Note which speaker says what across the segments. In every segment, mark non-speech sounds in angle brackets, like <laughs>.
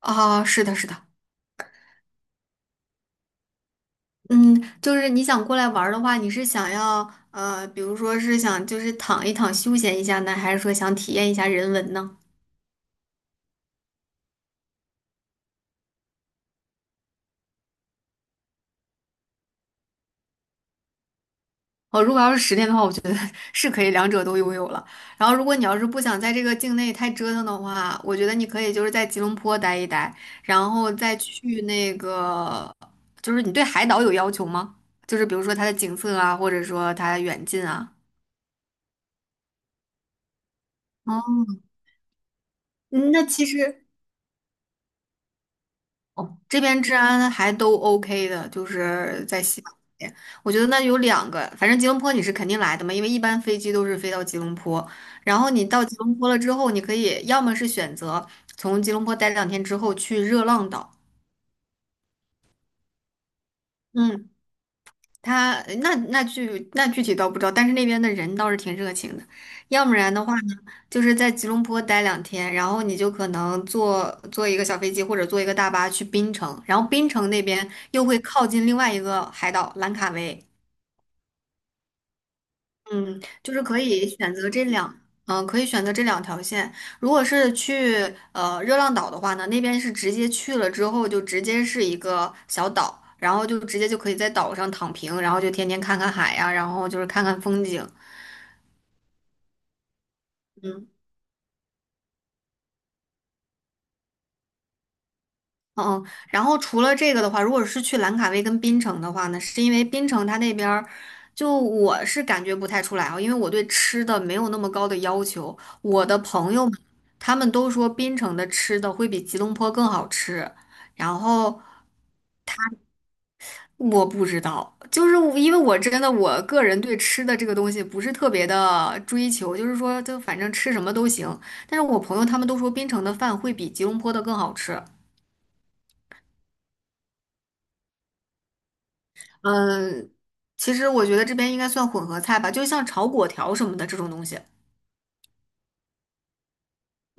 Speaker 1: 啊，是的，是的，嗯，就是你想过来玩儿的话，你是想要比如说是想就是躺一躺休闲一下呢，还是说想体验一下人文呢？哦，如果要是10天的话，我觉得 <laughs> 是可以两者都拥有了。然后，如果你要是不想在这个境内太折腾的话，我觉得你可以就是在吉隆坡待一待，然后再去那个，就是你对海岛有要求吗？就是比如说它的景色啊，或者说它的远近啊。哦，嗯那其实。哦，这边治安还都 OK 的，就是在西马那边。我觉得那有两个，反正吉隆坡你是肯定来的嘛，因为一般飞机都是飞到吉隆坡。然后你到吉隆坡了之后，你可以要么是选择从吉隆坡待两天之后去热浪岛，嗯，他那具体倒不知道，但是那边的人倒是挺热情的。要不然的话呢，就是在吉隆坡待两天，然后你就可能坐一个小飞机或者坐一个大巴去槟城，然后槟城那边又会靠近另外一个海岛兰卡威，嗯，就是可以选择这两，可以选择这两条线。如果是去热浪岛的话呢，那边是直接去了之后就直接是一个小岛，然后就直接就可以在岛上躺平，然后就天天看看海呀、然后就是看看风景。嗯。嗯，然后除了这个的话，如果是去兰卡威跟槟城的话呢，是因为槟城它那边儿，就我是感觉不太出来啊，因为我对吃的没有那么高的要求。我的朋友们，他们都说槟城的吃的会比吉隆坡更好吃，然后我不知道，就是我因为我真的我个人对吃的这个东西不是特别的追求，就是说就反正吃什么都行。但是我朋友他们都说槟城的饭会比吉隆坡的更好吃。嗯，其实我觉得这边应该算混合菜吧，就像炒粿条什么的这种东西。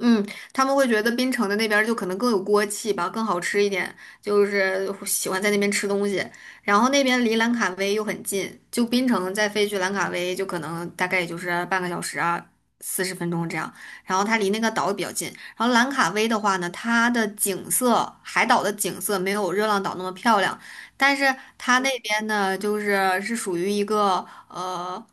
Speaker 1: 嗯，他们会觉得槟城的那边儿就可能更有锅气吧，更好吃一点，就是喜欢在那边吃东西。然后那边离兰卡威又很近，就槟城再飞去兰卡威，就可能大概也就是半个小时啊，40分钟这样。然后它离那个岛也比较近。然后兰卡威的话呢，它的景色，海岛的景色没有热浪岛那么漂亮，但是它那边呢，就是是属于一个。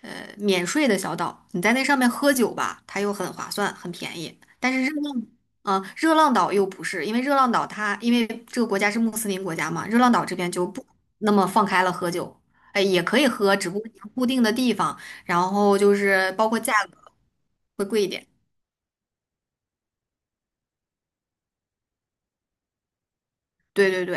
Speaker 1: 免税的小岛，你在那上面喝酒吧，它又很划算，很便宜。但是热浪岛又不是，因为热浪岛它因为这个国家是穆斯林国家嘛，热浪岛这边就不那么放开了喝酒，哎，也可以喝，只不过你要固定的地方，然后就是包括价格会贵一点。对对对，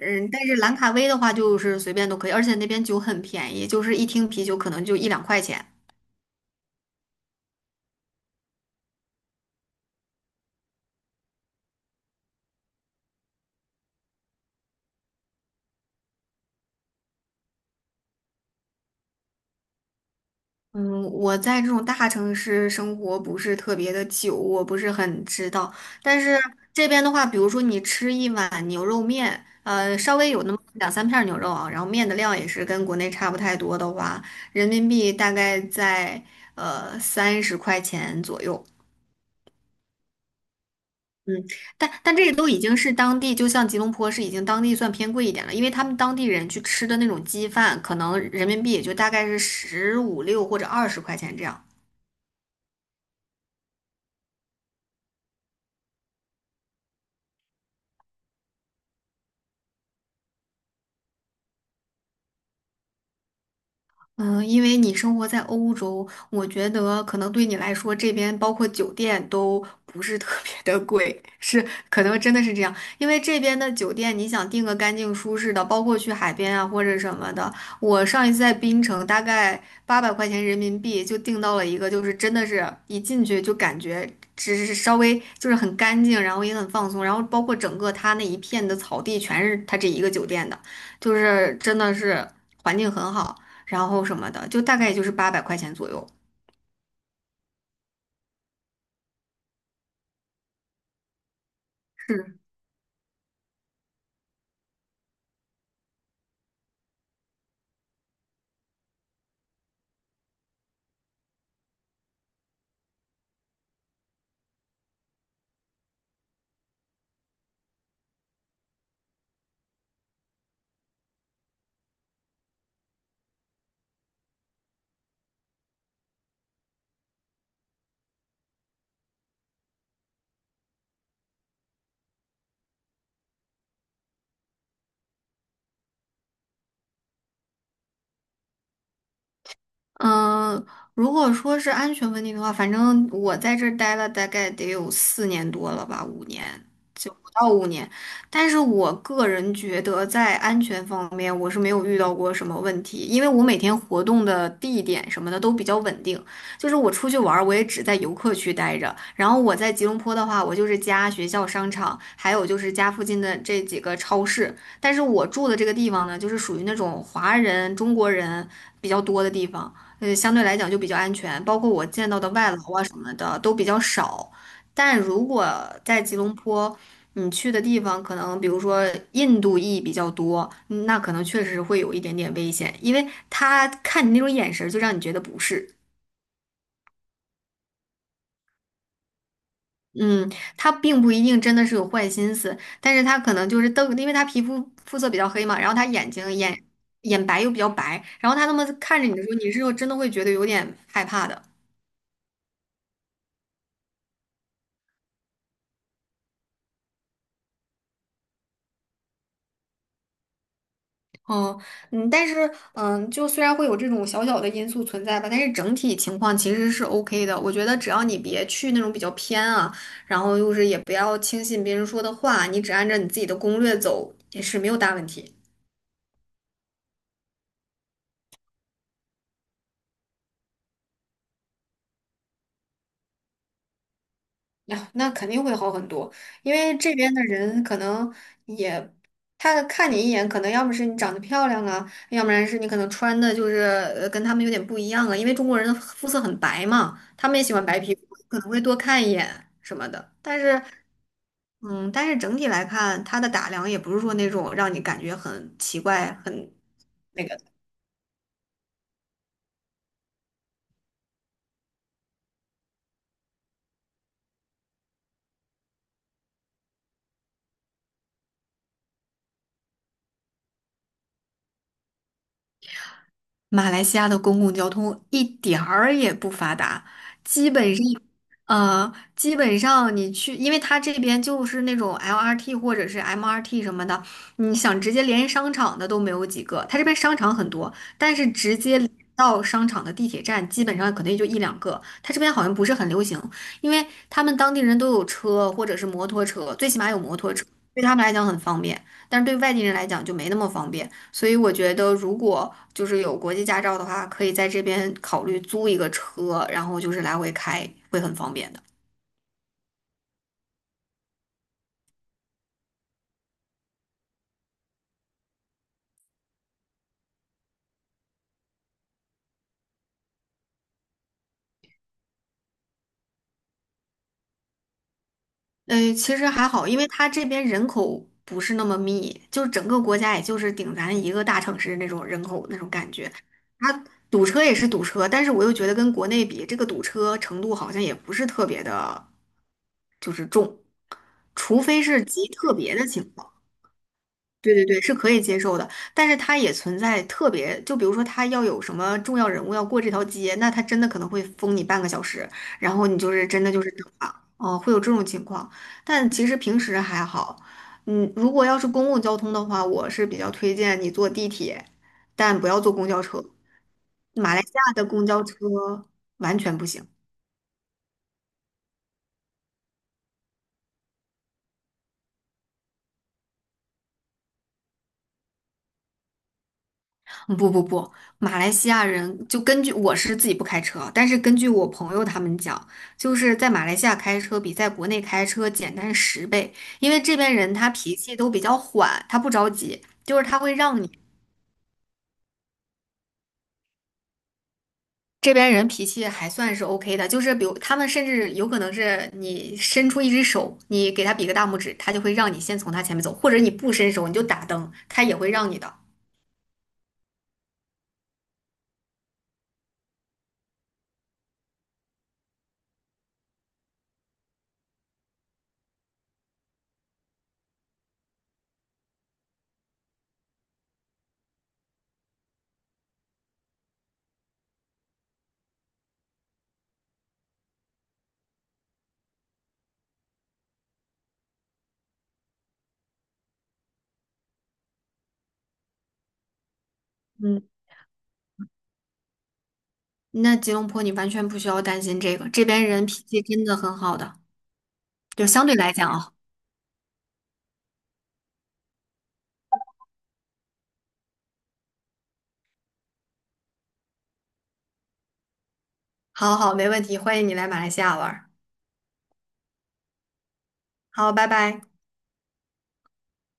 Speaker 1: 嗯，但是兰卡威的话就是随便都可以，而且那边酒很便宜，就是一听啤酒可能就一两块钱。嗯，我在这种大城市生活不是特别的久，我不是很知道。但是这边的话，比如说你吃一碗牛肉面，稍微有那么两三片儿牛肉啊，然后面的量也是跟国内差不太多的话，人民币大概在30块钱左右。嗯，但这个都已经是当地，就像吉隆坡是已经当地算偏贵一点了，因为他们当地人去吃的那种鸡饭，可能人民币也就大概是十五六或者20块钱这样。嗯，因为你生活在欧洲，我觉得可能对你来说，这边包括酒店都不是特别的贵，<laughs> 是可能真的是这样。因为这边的酒店，你想订个干净舒适的，包括去海边啊或者什么的，我上一次在槟城，大概八百块钱人民币就订到了一个，就是真的是一进去就感觉只是稍微就是很干净，然后也很放松，然后包括整个它那一片的草地全是它这一个酒店的，就是真的是环境很好。然后什么的，就大概也就是八百块钱左右。是嗯，呃如果说是安全问题的话，反正我在这儿待了大概得有4年多了吧，五年，就不到五年。但是我个人觉得，在安全方面，我是没有遇到过什么问题，因为我每天活动的地点什么的都比较稳定。就是我出去玩儿，我也只在游客区待着。然后我在吉隆坡的话，我就是家、学校、商场，还有就是家附近的这几个超市。但是我住的这个地方呢，就是属于那种华人、中国人比较多的地方。相对来讲就比较安全，包括我见到的外劳啊什么的都比较少。但如果在吉隆坡，你去的地方可能比如说印度裔比较多，那可能确实会有一点点危险，因为他看你那种眼神儿就让你觉得不是。嗯，他并不一定真的是有坏心思，但是他可能就是瞪，因为他皮肤肤色比较黑嘛，然后他眼睛眼白又比较白，然后他那么看着你的时候，你是真的会觉得有点害怕的。哦，嗯，但是，就虽然会有这种小小的因素存在吧，但是整体情况其实是 OK 的。我觉得只要你别去那种比较偏啊，然后又是也不要轻信别人说的话，你只按照你自己的攻略走也是没有大问题。呀，那肯定会好很多，因为这边的人可能也，他看你一眼，可能要么是你长得漂亮啊，要不然是你可能穿的就是跟他们有点不一样啊，因为中国人的肤色很白嘛，他们也喜欢白皮肤，可能会多看一眼什么的。但是，嗯，但是整体来看，他的打量也不是说那种让你感觉很奇怪、很。那个。马来西亚的公共交通一点儿也不发达，基本上，基本上你去，因为它这边就是那种 LRT 或者是 MRT 什么的，你想直接连商场的都没有几个。它这边商场很多，但是直接连到商场的地铁站基本上可能也就一两个。它这边好像不是很流行，因为他们当地人都有车或者是摩托车，最起码有摩托车，对他们来讲很方便，但是对外地人来讲就没那么方便。所以我觉得，如果就是有国际驾照的话，可以在这边考虑租一个车，然后就是来回开，会很方便的。嗯，其实还好，因为它这边人口不是那么密，就是整个国家也就是顶咱一个大城市那种人口那种感觉。它堵车也是堵车，但是我又觉得跟国内比，这个堵车程度好像也不是特别的，就是重，除非是极特别的情况。对对对，是可以接受的，但是它也存在特别，就比如说它要有什么重要人物要过这条街，那它真的可能会封你半个小时，然后你就是真的就是等啊，哦，会有这种情况。但其实平时还好，嗯，如果要是公共交通的话，我是比较推荐你坐地铁，但不要坐公交车。马来西亚的公交车完全不行。嗯不不不，马来西亚人就根据我是自己不开车，但是根据我朋友他们讲，就是在马来西亚开车比在国内开车简单10倍，因为这边人他脾气都比较缓，他不着急，就是他会让你这边人脾气还算是 OK 的，就是比如他们甚至有可能是你伸出一只手，你给他比个大拇指，他就会让你先从他前面走，或者你不伸手你就打灯，他也会让你的。嗯，那吉隆坡你完全不需要担心这个，这边人脾气真的很好的。就相对来讲啊，好好，没问题，欢迎你来马来西亚玩儿好，拜拜。